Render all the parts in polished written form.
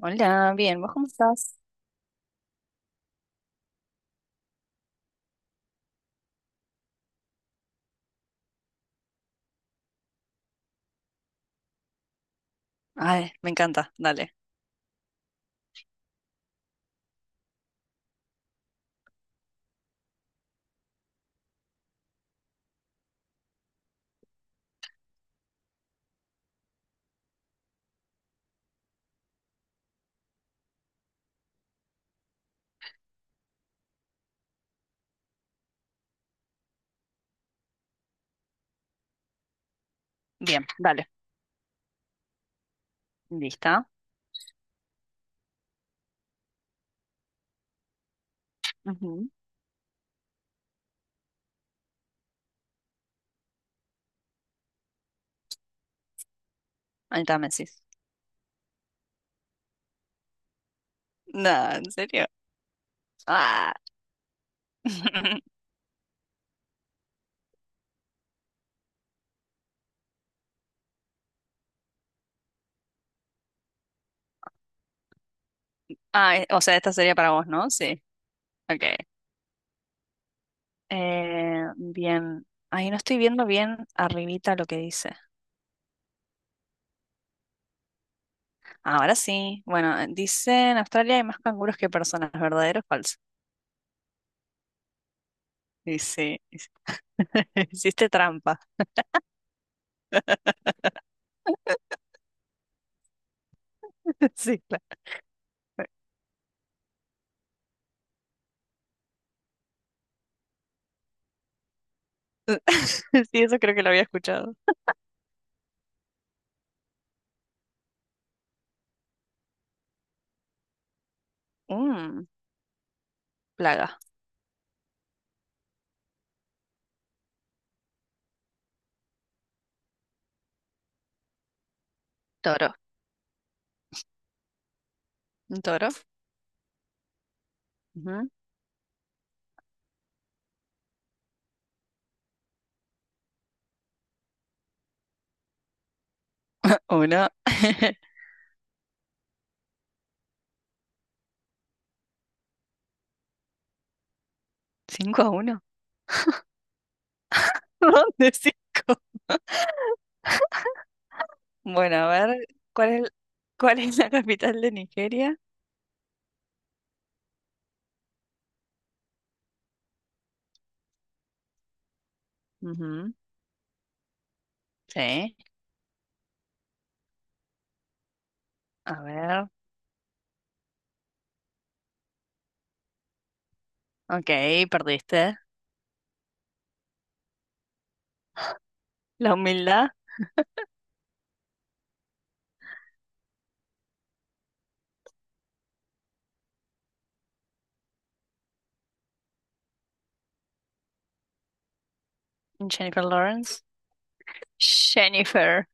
Hola, bien, ¿vos cómo estás? Ay, me encanta, dale. Bien, dale. ¿Lista? Ujú. Ahí está, me decís. No, ¿en serio? Ah. O sea, esta sería para vos, ¿no? Sí. Ok. Bien. Ahí no estoy viendo bien arribita lo que dice. Ahora sí. Bueno, dice, en Australia hay más canguros que personas, ¿verdadero o falso? Y sí. Hiciste trampa. Sí, claro. Sí, eso creo que lo había escuchado. Mm, plaga. Toro. ¿Un toro? Ujú. Uno. Cinco a uno. ¿Dónde cinco? Bueno, a ver, ¿cuál es, ¿cuál es la capital de Nigeria? Ujú. Sí, a ver. Ok, perdiste. La humildad. Jennifer Lawrence. Jennifer.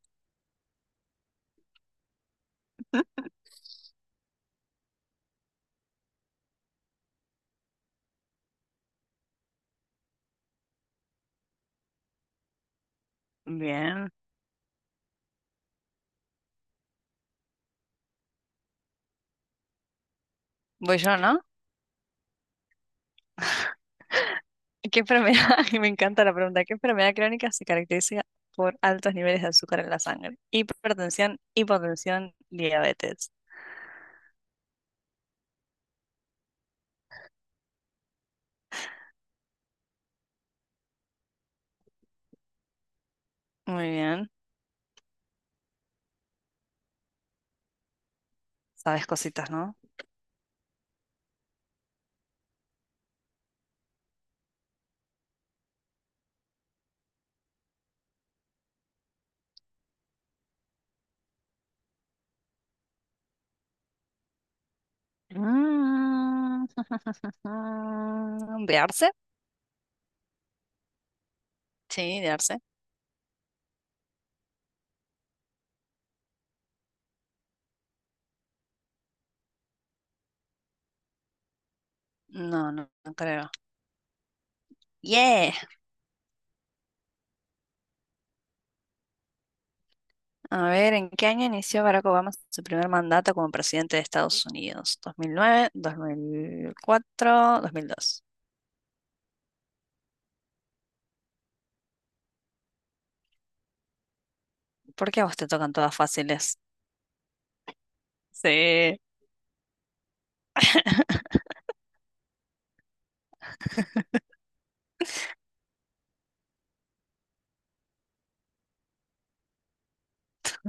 Bien. Voy yo, ¿no? ¿Qué enfermedad? Me encanta la pregunta. ¿Qué enfermedad crónica se caracteriza por altos niveles de azúcar en la sangre? Hipertensión, hipotensión, diabetes. Muy bien. Sabes cositas, no. Mm. ¿De arce? Sí, de arce. No, no, no creo. Yeah. A ver, ¿en qué año inició Barack Obama su primer mandato como presidente de Estados Unidos? ¿2009, 2004, 2002? ¿Por qué a vos te tocan todas fáciles? Sí.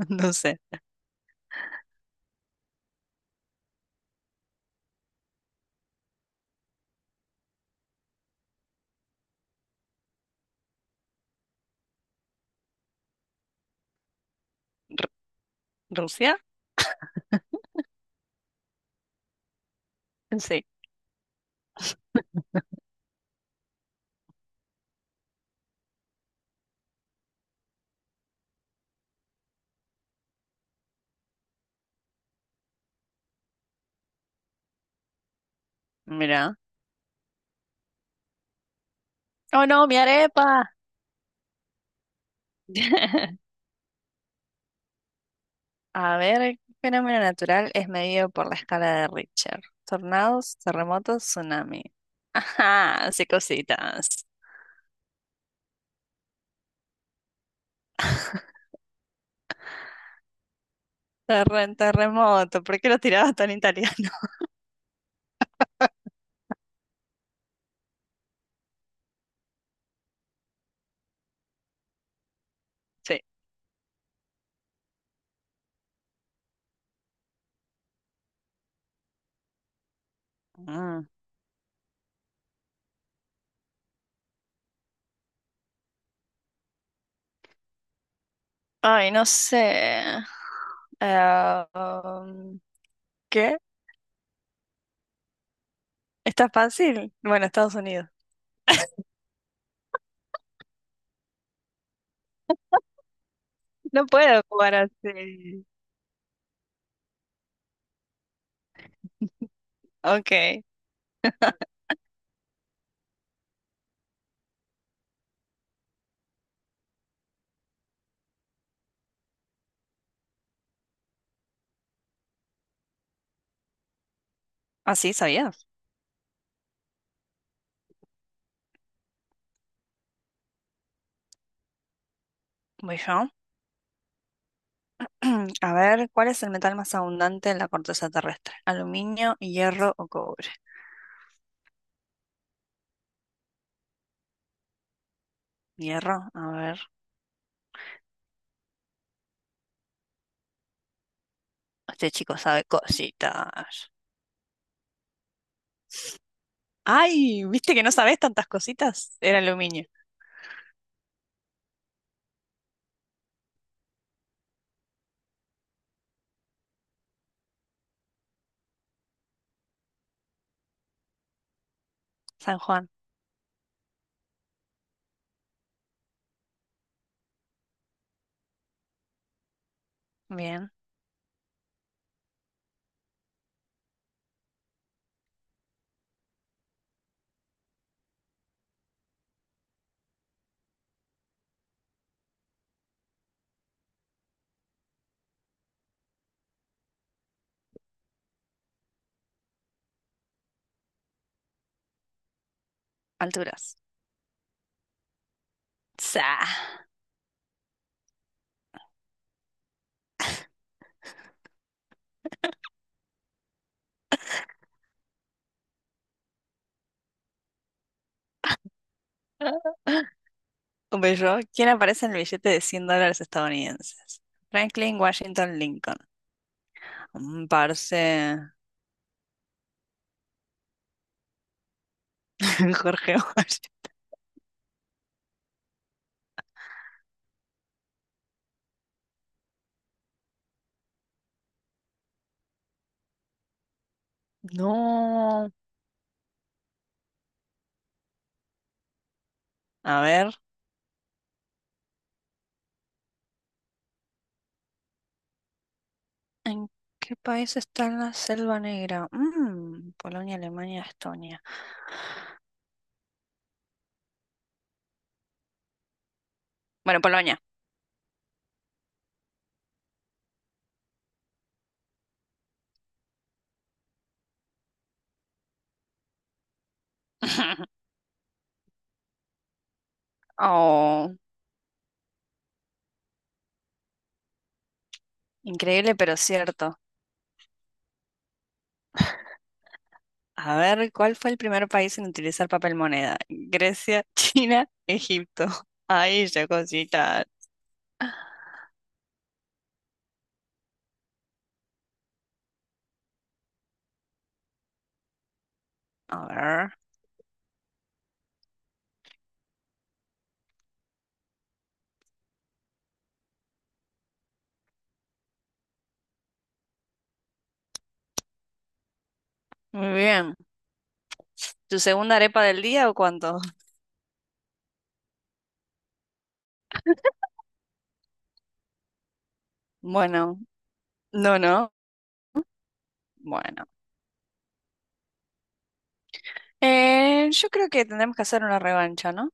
No sé. ¿Rusia? Sí. Mira. ¡Oh, no, mi arepa! A ver, el fenómeno natural es medido por la escala de Richter. Tornados, terremotos, tsunami. Ajá, sí, cositas. Terremoto, ¿por qué lo tirabas tan italiano? Sí. Mm. Ay, no sé. Eh, um, ¿Qué? ¿Está fácil? Bueno, Estados Unidos. No puedo jugar así. Ok. Así sabía. Voy yo. A ver, ¿cuál es el metal más abundante en la corteza terrestre? ¿Aluminio, hierro o cobre? Hierro, a ver. Este chico sabe cositas. ¡Ay! ¿Viste que no sabes tantas cositas? Era aluminio. San Juan. Bien. Alturas. Sa. Un bello. ¿Quién aparece en el billete de 100 dólares estadounidenses? Franklin, Washington, Lincoln. Mm, parce. Jorge Washington. No. A ver. ¿En qué país está la Selva Negra? Mm, Polonia, Alemania, Estonia. Bueno, Polonia. Oh. Increíble, pero cierto. A ver, ¿cuál fue el primer país en utilizar papel moneda? Grecia, China, Egipto. Ahí esa cosita. A ver. Muy bien. ¿Tu segunda arepa del día o cuánto? Bueno, no, no. Bueno. Yo creo que tendremos que hacer una revancha, ¿no?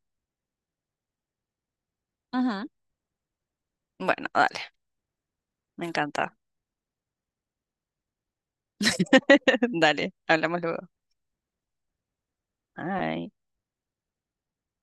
Ujú. Bueno, dale. Me encanta. Dale, hablamos luego. Ay.